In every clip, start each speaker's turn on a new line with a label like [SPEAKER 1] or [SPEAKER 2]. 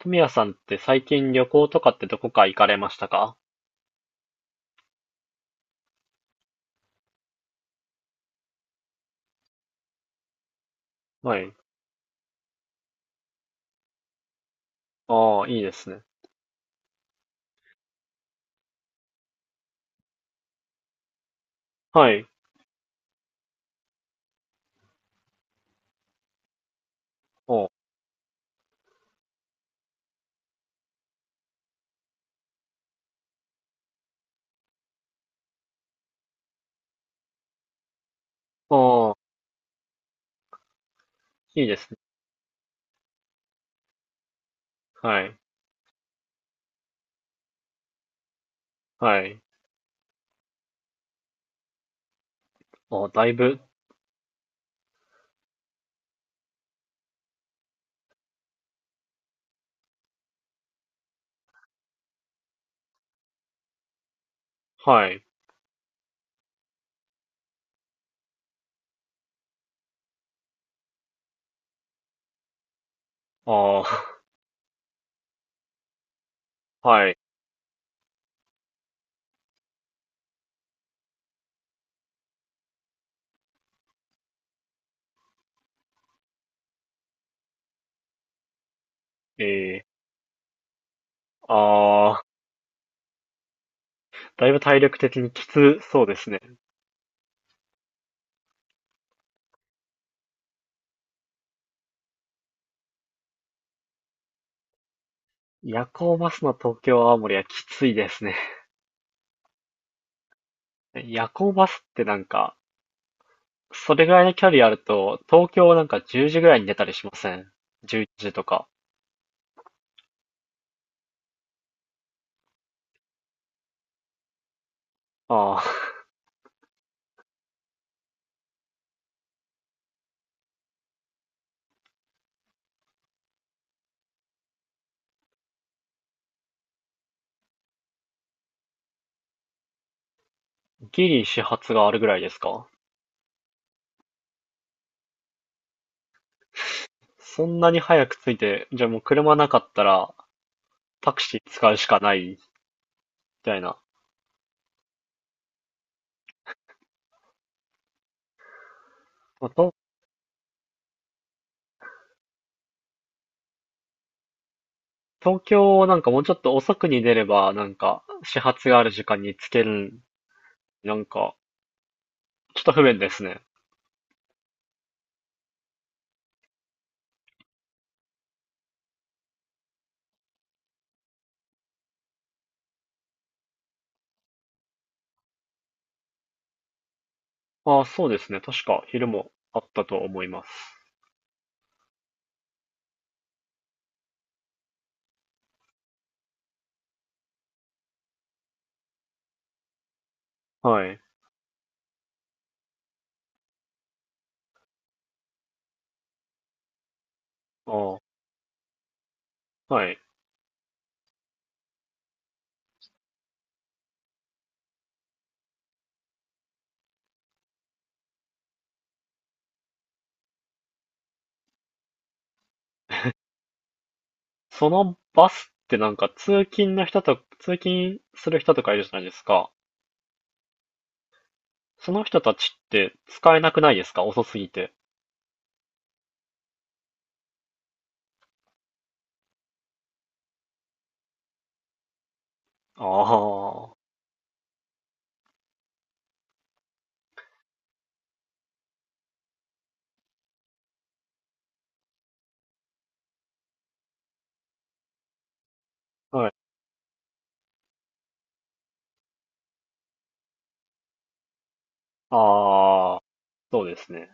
[SPEAKER 1] 富谷さんって最近旅行とかってどこか行かれましたか？はい。ああ、いいですね。はい。お、ああ、いいですね。はい。はい。ああ、だいぶ、はい。ああ、はい。ええ、ああ、だいぶ体力的にきつそうですね。夜行バスの東京青森はきついですね。夜行バスってなんか、それぐらいの距離あると、東京なんか10時ぐらいに出たりしません？ 11 時とか。ああ、ギリ始発があるぐらいですか？そんなに早く着いて、じゃあもう車なかったらタクシー使うしかないみたいな。まあ、と東京なんかもうちょっと遅くに出れば、なんか始発がある時間に着ける、なんかちょっと不便ですね。ああ、そうですね。確か昼もあったと思います。はい。ああ、はい。そのバスってなんか通勤する人とかいるじゃないですか。その人たちって使えなくないですか？遅すぎて。ああ、はい。ああ。そうですね。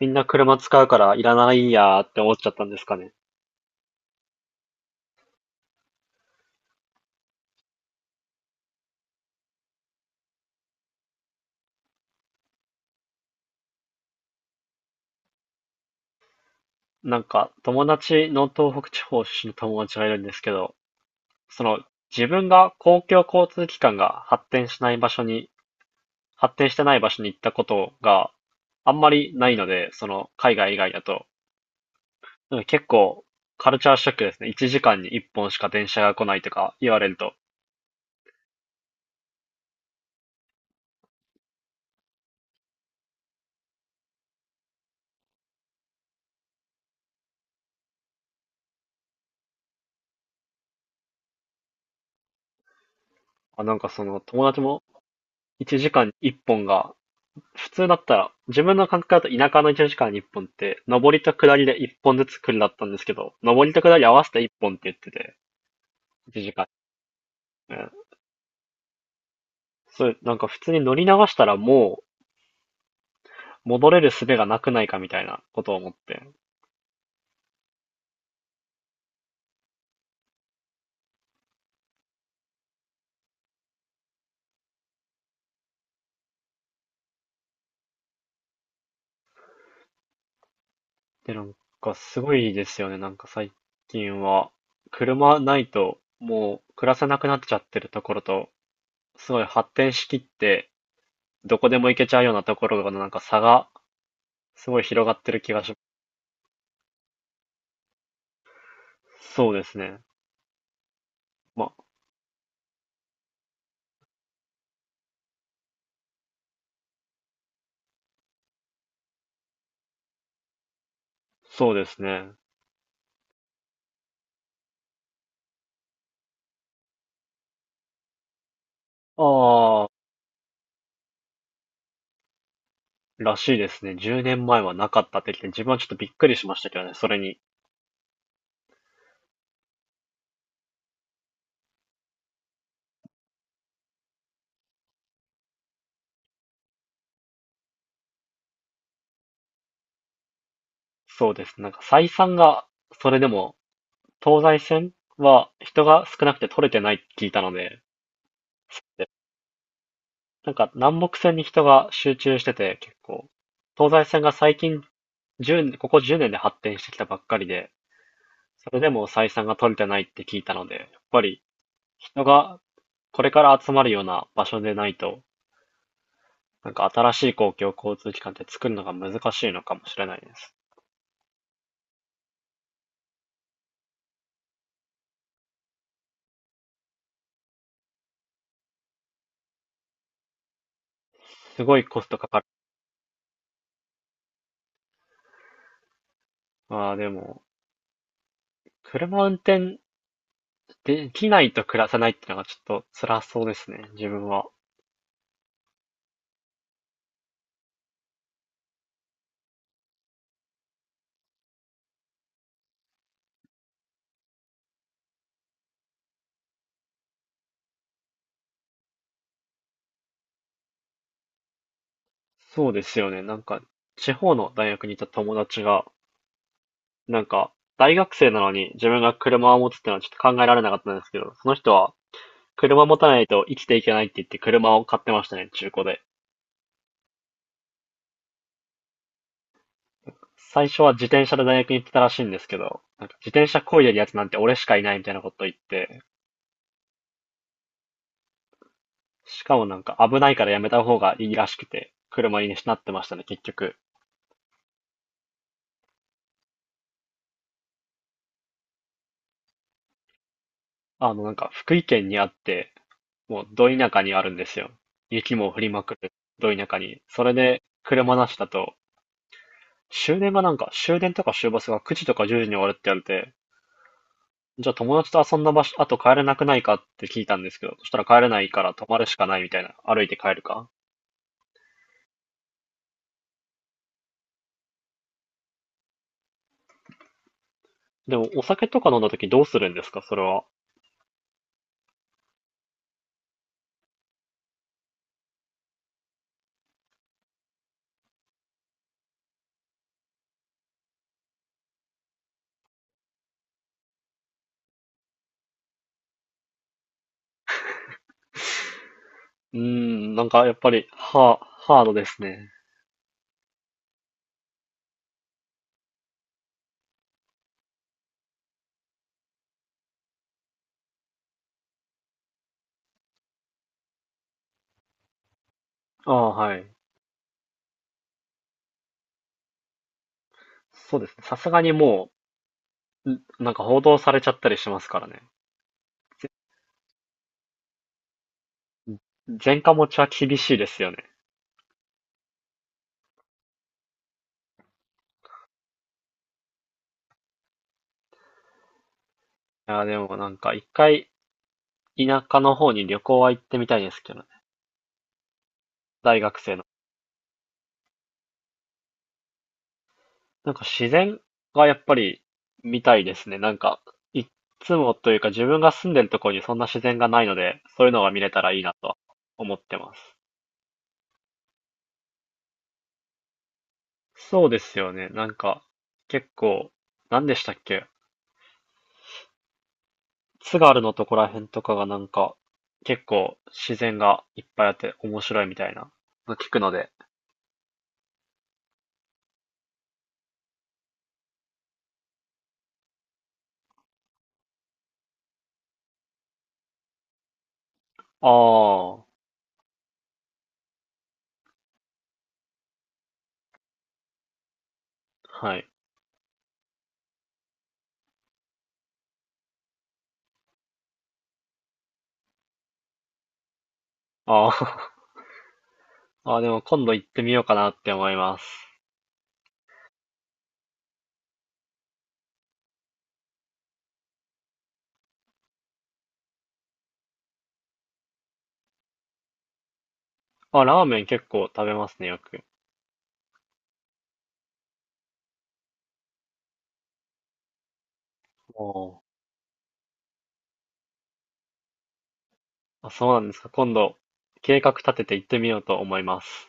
[SPEAKER 1] みんな車使うからいらないやーって思っちゃったんですかね。なんか友達の東北地方出身の友達がいるんですけど、その自分が公共交通機関が発展してない場所に行ったことがあんまりないので、その海外以外だと、なんか結構カルチャーショックですね。1時間に1本しか電車が来ないとか言われると、あ、なんかその友達も1時間に1本が普通だったら、自分の感覚だと田舎の1時間に1本って、上りと下りで1本ずつ来るだったんですけど、上りと下り合わせて1本って言ってて、短い間。うん。そう、なんか普通に乗り流したらもう戻れる術がなくないかみたいなことを思って。で、なんかすごいですよね。なんか最近は、車ないともう暮らせなくなっちゃってるところと、すごい発展しきって、どこでも行けちゃうようなところのなんか差がすごい広がってる気がします。そうですね。まあそうですね。ああ、らしいですね。10年前はなかったってきて、自分はちょっとびっくりしましたけどね、それに。そうです。なんか採算が、それでも、東西線は人が少なくて取れてないって聞いたので、でなんか南北線に人が集中してて、結構、東西線が最近10、ここ10年で発展してきたばっかりで、それでも採算が取れてないって聞いたので、やっぱり人がこれから集まるような場所でないと、なんか新しい公共交通機関って作るのが難しいのかもしれないです。すごいコストかかる。まあでも、車運転できないと暮らせないってのがちょっと辛そうですね、自分は。そうですよね。なんか、地方の大学にいた友達が、なんか、大学生なのに自分が車を持つってのはちょっと考えられなかったんですけど、その人は車持たないと生きていけないって言って車を買ってましたね、中古で。最初は自転車で大学に行ってたらしいんですけど、なんか自転車漕いでるやつなんて俺しかいないみたいなこと言って、しかもなんか危ないからやめた方がいいらしくて、車になってましたね、結局。あの、なんか福井県にあって、もうど田舎にあるんですよ。雪も降りまくる、ど田舎に。それで、車なしだと、終電がなんか、終電とか終バスが9時とか10時に終わるって言われて、じゃあ友達と遊んだ場所、あと帰れなくないかって聞いたんですけど、そしたら帰れないから泊まるしかないみたいな、歩いて帰るか。でも、お酒とか飲んだ時どうするんですか、それは。うーん、なんかやっぱり、ハードですね。ああ、はい。そうですね。さすがにもう、なんか報道されちゃったりしますからね。前科持ちは厳しいですよね。いや、でもなんか一回田舎の方に旅行は行ってみたいですけどね。大学生の。なんか自然がやっぱり見たいですね。なんか、いつもというか自分が住んでるところにそんな自然がないので、そういうのが見れたらいいなとは思ってます。そうですよね。なんか、結構、何でしたっけ？津軽のとこらへんとかがなんか、結構自然がいっぱいあって面白いみたいなの聞くので。ああ、はい。あー あー、あでも今度行ってみようかなって思います。あ、ラーメン結構食べますね、よく。おーあ、そうなんですか。今度、計画立てて行ってみようと思います。